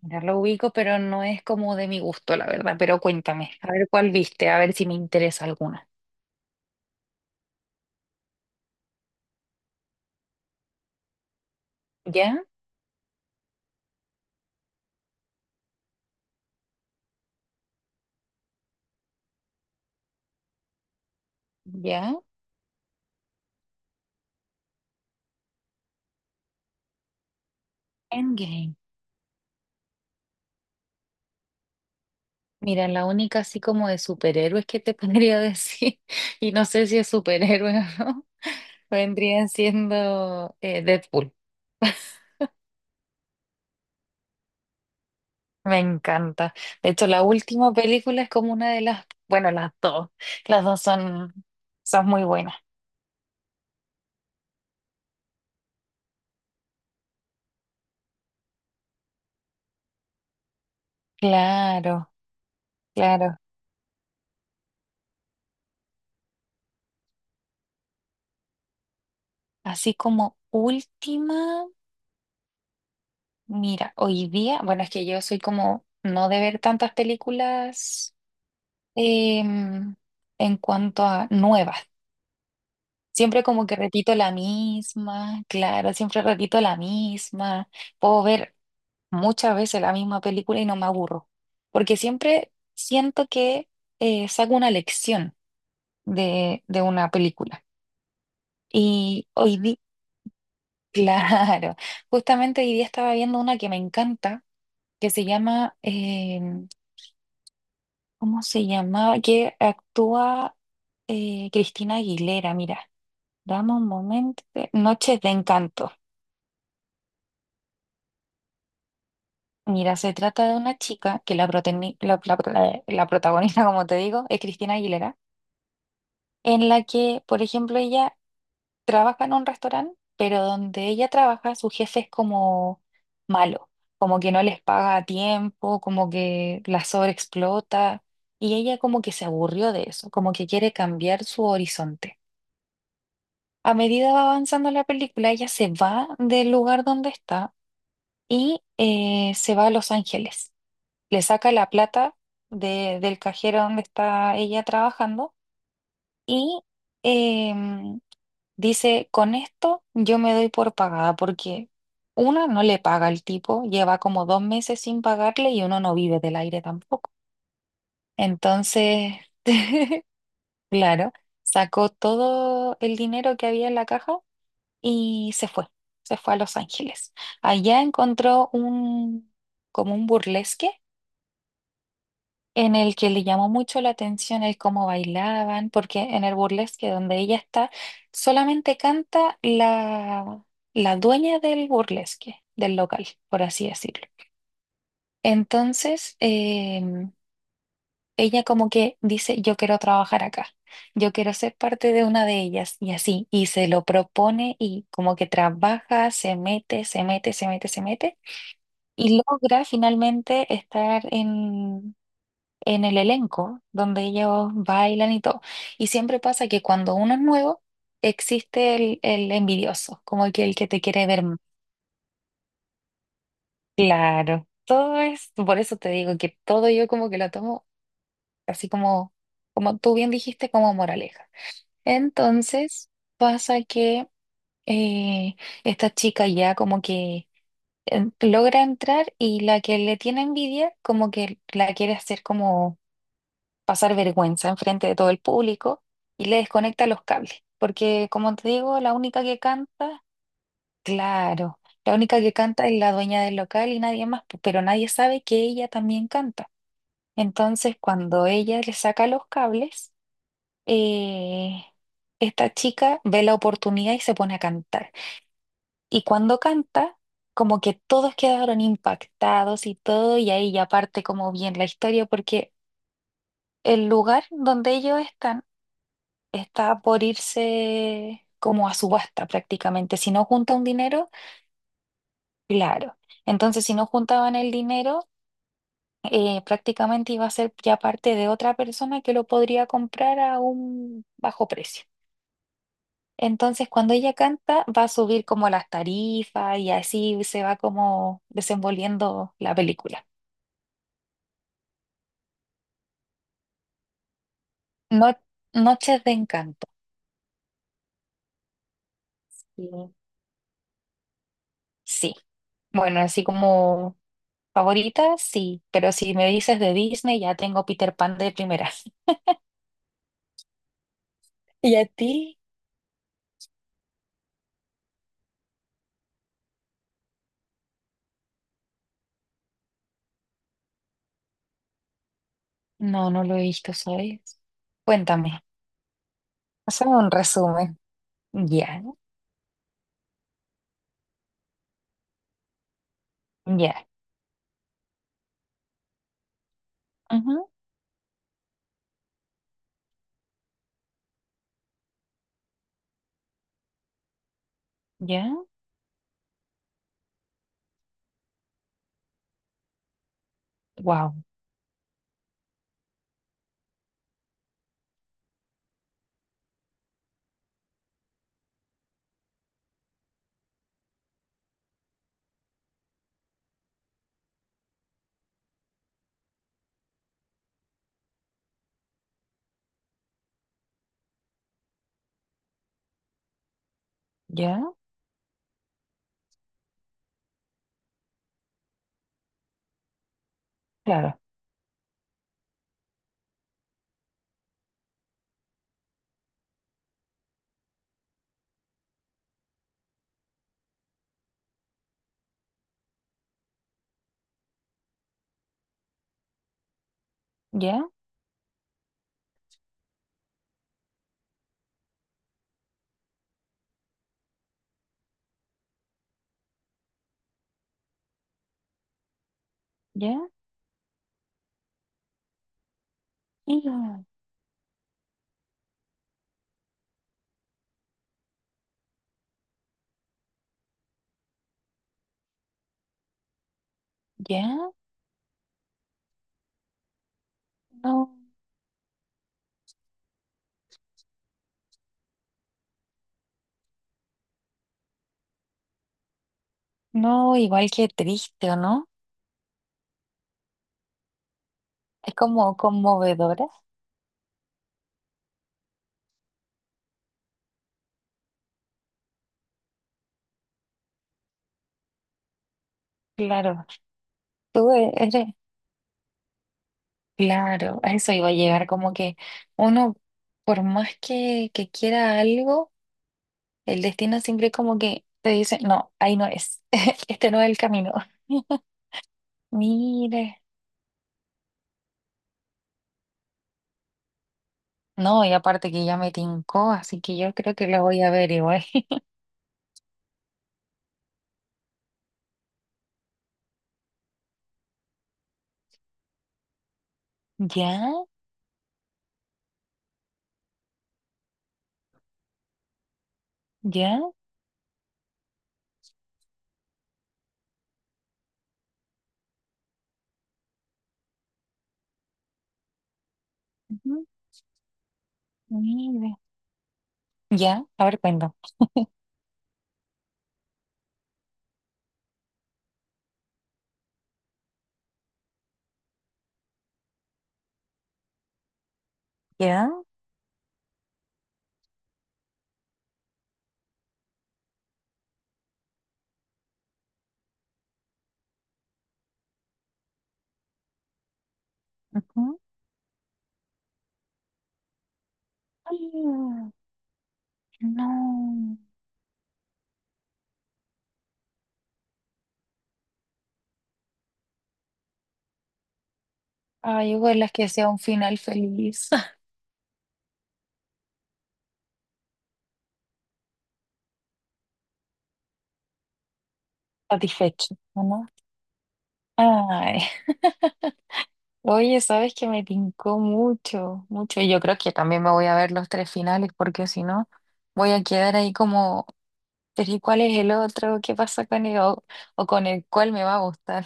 Ya lo ubico, pero no es como de mi gusto, la verdad. Pero cuéntame, a ver cuál viste, a ver si me interesa alguna. ¿Ya? ¿Ya? Endgame. Mira, la única así como de superhéroes que te podría decir, y no sé si es superhéroe o no, vendría siendo Deadpool. Me encanta. De hecho, la última película es como una de las, bueno, las dos. Las dos son, son muy buenas. Claro, claro. Así como última. Mira, hoy día, bueno, es que yo soy como no de ver tantas películas em, en cuanto a nuevas. Siempre como que repito la misma, claro, siempre repito la misma. Puedo ver muchas veces la misma película y no me aburro, porque siempre siento que saco una lección de una película. Y hoy día, claro, justamente hoy día estaba viendo una que me encanta, que se llama... ¿Cómo se llamaba? Que actúa Cristina Aguilera, mira, dame un momento. Noches de Encanto. Mira, se trata de una chica que la, proteni- la- la- la protagonista, como te digo, es Cristina Aguilera, en la que, por ejemplo, ella trabaja en un restaurante, pero donde ella trabaja, su jefe es como malo, como que no les paga a tiempo, como que la sobreexplota, y ella como que se aburrió de eso, como que quiere cambiar su horizonte. A medida va avanzando la película, ella se va del lugar donde está y se va a Los Ángeles. Le saca la plata del cajero donde está ella trabajando y em, dice, con esto yo me doy por pagada porque una no le paga al tipo, lleva como 2 meses sin pagarle y uno no vive del aire tampoco. Entonces, claro, sacó todo el dinero que había en la caja y se fue a Los Ángeles. Allá encontró un, como un burlesque en el que le llamó mucho la atención el cómo bailaban, porque en el burlesque donde ella está, solamente canta la, la dueña del burlesque, del local, por así decirlo. Entonces, ella como que dice, yo quiero trabajar acá, yo quiero ser parte de una de ellas y así, y se lo propone y como que trabaja, se mete y logra finalmente estar en el elenco donde ellos bailan y todo. Y siempre pasa que cuando uno es nuevo, existe el envidioso, como que el que te quiere ver más. Claro, todo es, por eso te digo que todo yo como que lo tomo así como, como tú bien dijiste, como moraleja. Entonces pasa que eh, esta chica ya como que logra entrar y la que le tiene envidia como que la quiere hacer como pasar vergüenza enfrente de todo el público y le desconecta los cables. Porque como te digo, la única que canta, claro, la única que canta es la dueña del local y nadie más, pero nadie sabe que ella también canta. Entonces cuando ella le saca los cables, eh, esta chica ve la oportunidad y se pone a cantar. Y cuando canta, como que todos quedaron impactados y todo, y ahí ya parte como bien la historia, porque el lugar donde ellos están está por irse como a subasta prácticamente. Si no junta un dinero, claro. Entonces, si no juntaban el dinero... prácticamente iba a ser ya parte de otra persona que lo podría comprar a un bajo precio. Entonces, cuando ella canta, va a subir como las tarifas y así se va como desenvolviendo la película. No- Noches de Encanto. Sí. Sí. Bueno, así como favoritas, sí. Pero si me dices de Disney, ya tengo Peter Pan de primera. ¿Y a ti? No, no lo he visto, ¿sabes? Cuéntame. Hazme un resumen. Ya, ya, ujú, ya. Wow. Ya. Claro. Ya. Ya. Ya. Ya. No. No, igual que triste, ¿o no? Es como conmovedora. Claro, eres, claro, a eso iba a llegar, como que uno, por más que quiera algo, el destino siempre como que te dice, no, ahí no es, este no es el camino. Mire, no, y aparte que ya me tincó, así que yo creo que la voy a ver igual. Ya, ya, ujú, mire, ya, a ver, cuento. Ya, ujú. Ay, no. Ay, ojalá que sea un final feliz, satisfecho, ¿o no? Ay, oye, sabes que me tincó mucho, mucho, y yo creo que también me voy a ver los 3 finales, porque si no, voy a quedar ahí como, pero ¿y cuál es el otro? ¿Qué pasa con él? O con el cual me va a gustar.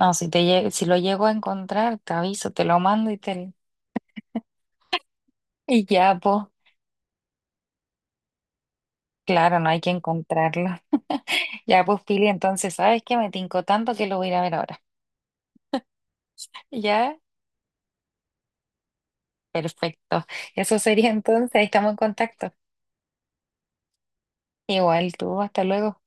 No, si lo llego a encontrar, te aviso, te lo mando y te... Y ya, pues, claro, no hay que encontrarlo. Ya, pues, Pili, entonces, ¿sabes que me tincó tanto que lo voy a ir a ver ahora. ¿Ya? Perfecto. Eso sería entonces, estamos en contacto. Igual tú, hasta luego.